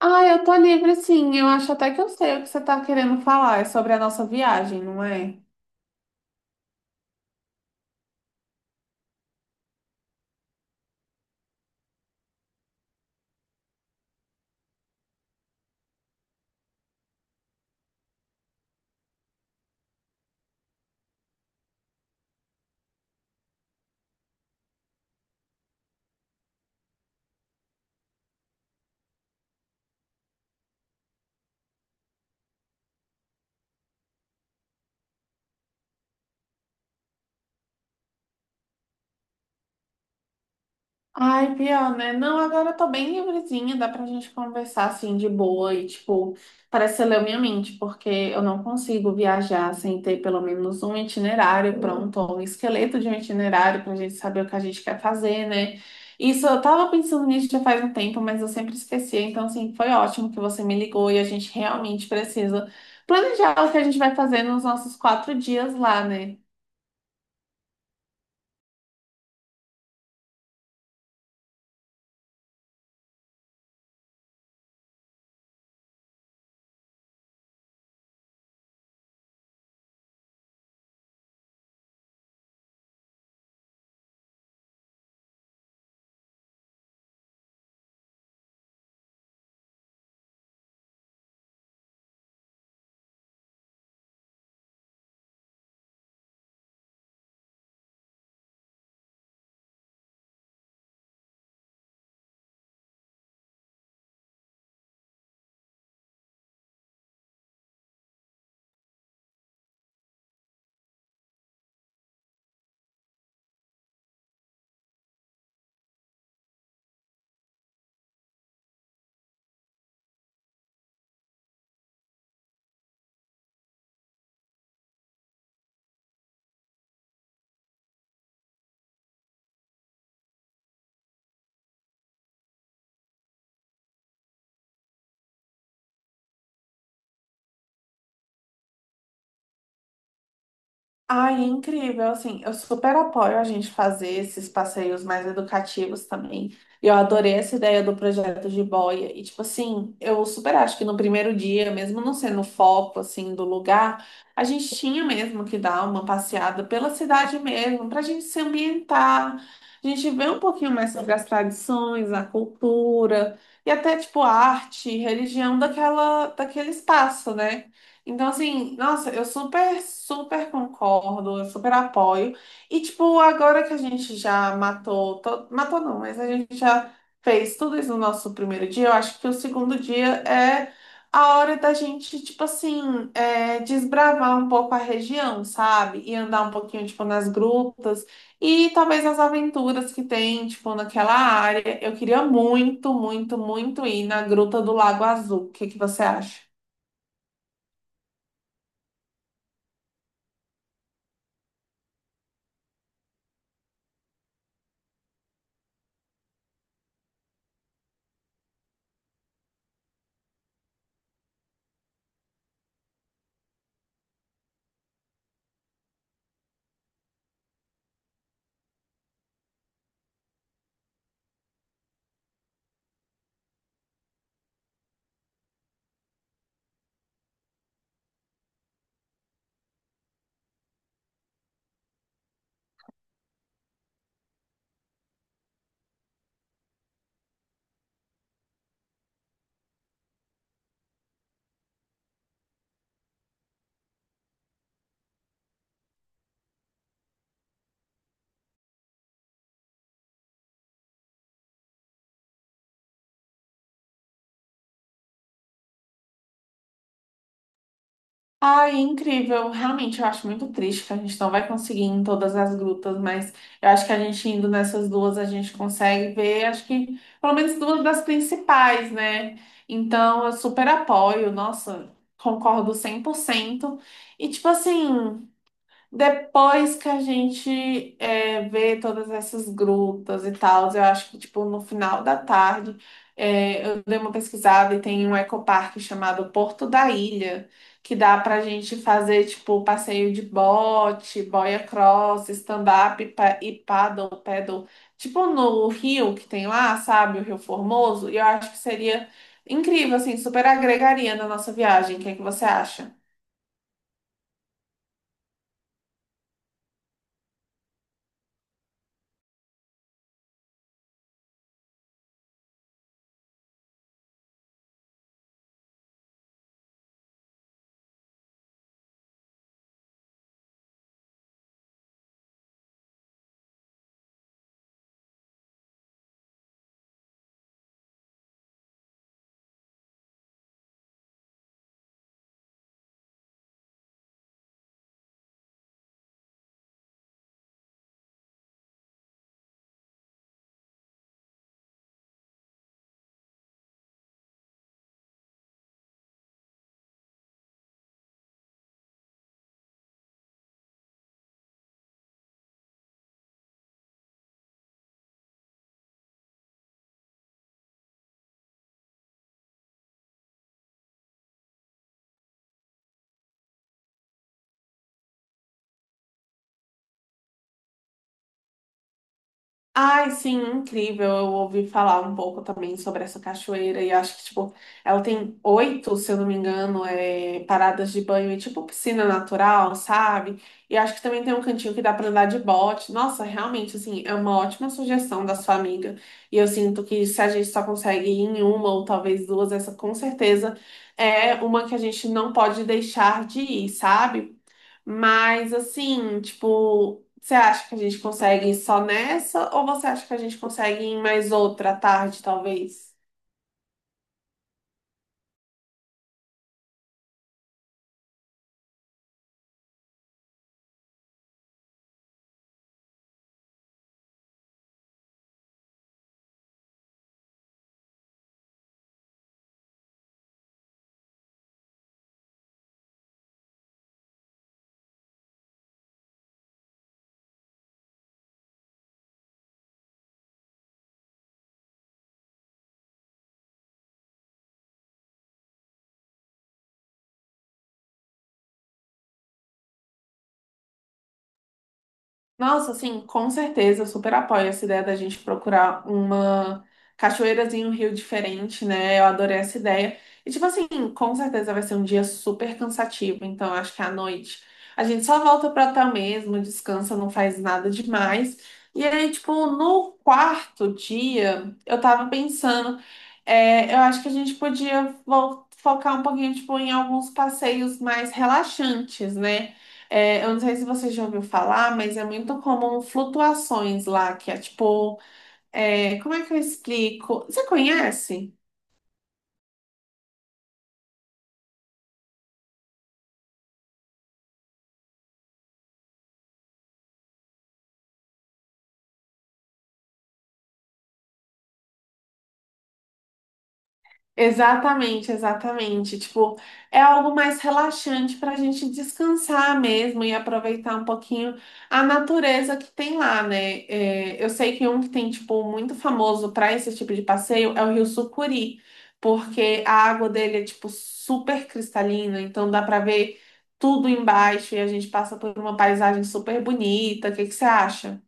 Ah, eu tô livre sim. Eu acho até que eu sei o que você tá querendo falar. É sobre a nossa viagem, não é? Ai, pior, né? Não, agora eu tô bem livrezinha, dá pra gente conversar assim de boa e, tipo, parece que você leu minha mente, porque eu não consigo viajar sem ter pelo menos um itinerário pronto, ou um esqueleto de um itinerário pra gente saber o que a gente quer fazer, né? Isso, eu tava pensando nisso já faz um tempo, mas eu sempre esquecia, então, assim, foi ótimo que você me ligou e a gente realmente precisa planejar o que a gente vai fazer nos nossos 4 dias lá, né? Ai, é incrível, assim, eu super apoio a gente fazer esses passeios mais educativos também. Eu adorei essa ideia do projeto de boia. E, tipo assim, eu super acho que no primeiro dia, mesmo não sendo o foco, assim, do lugar, a gente tinha mesmo que dar uma passeada pela cidade mesmo, pra gente se ambientar, a gente ver um pouquinho mais sobre as tradições, a cultura, e até, tipo, a arte, religião daquele espaço, né? Então, assim, nossa, eu super, super concordo, eu super apoio. E, tipo, agora que a gente já matou, matou não, mas a gente já fez tudo isso no nosso primeiro dia, eu acho que o segundo dia é a hora da gente, tipo assim, desbravar um pouco a região, sabe? E andar um pouquinho, tipo, nas grutas e talvez as aventuras que tem, tipo, naquela área. Eu queria muito, muito, muito ir na Gruta do Lago Azul. O que que você acha? Ai, incrível. Realmente, eu acho muito triste que a gente não vai conseguir ir em todas as grutas, mas eu acho que a gente indo nessas duas, a gente consegue ver, acho que pelo menos duas das principais, né? Então, eu super apoio, nossa, concordo 100%. E, tipo assim. Depois que a gente vê todas essas grutas e tal, eu acho que tipo no final da tarde eu dei uma pesquisada e tem um ecoparque chamado Porto da Ilha, que dá pra gente fazer tipo passeio de bote, boia cross, stand-up e paddle, tipo no rio que tem lá, sabe, o Rio Formoso, e eu acho que seria incrível, assim, super agregaria na nossa viagem. O que é que você acha? Ai, sim, incrível. Eu ouvi falar um pouco também sobre essa cachoeira e acho que, tipo, ela tem oito, se eu não me engano, paradas de banho e, tipo, piscina natural, sabe? E acho que também tem um cantinho que dá pra andar de bote. Nossa, realmente, assim, é uma ótima sugestão da sua amiga. E eu sinto que se a gente só consegue ir em uma ou talvez duas, essa com certeza é uma que a gente não pode deixar de ir, sabe? Mas assim, tipo, você acha que a gente consegue só nessa ou você acha que a gente consegue em mais outra tarde, talvez? Nossa, assim, com certeza, eu super apoio essa ideia da gente procurar uma cachoeirazinha, um rio diferente, né? Eu adorei essa ideia. E, tipo assim, com certeza vai ser um dia super cansativo, então eu acho que à noite a gente só volta pro hotel mesmo, descansa, não faz nada demais. E aí, tipo, no quarto dia, eu tava pensando, eu acho que a gente podia focar um pouquinho, tipo, em alguns passeios mais relaxantes, né? Eu não sei se você já ouviu falar, mas é muito comum flutuações lá, que é tipo, como é que eu explico? Você conhece? Exatamente, exatamente. Tipo, é algo mais relaxante para a gente descansar mesmo e aproveitar um pouquinho a natureza que tem lá, né? Eu sei que um que tem, tipo, muito famoso para esse tipo de passeio é o Rio Sucuri, porque a água dele é, tipo, super cristalina, então dá para ver tudo embaixo e a gente passa por uma paisagem super bonita. O que que você acha?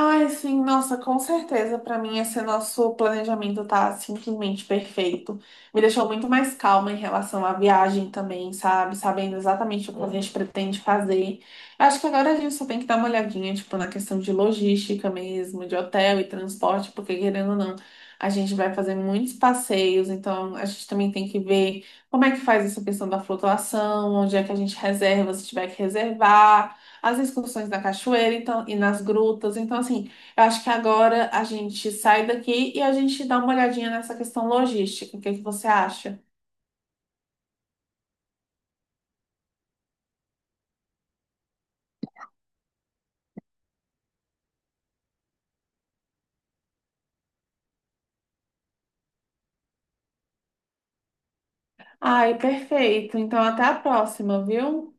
Ai, sim, nossa, com certeza. Pra mim, esse nosso planejamento tá simplesmente perfeito. Me deixou muito mais calma em relação à viagem também, sabe? Sabendo exatamente o que a gente pretende fazer. Acho que agora a gente só tem que dar uma olhadinha, tipo, na questão de logística mesmo, de hotel e transporte, porque querendo ou não, a gente vai fazer muitos passeios, então a gente também tem que ver como é que faz essa questão da flutuação, onde é que a gente reserva, se tiver que reservar as excursões na cachoeira, então, e nas grutas. Então, assim, eu acho que agora a gente sai daqui e a gente dá uma olhadinha nessa questão logística. O que é que você acha? Ai, perfeito. Então, até a próxima, viu?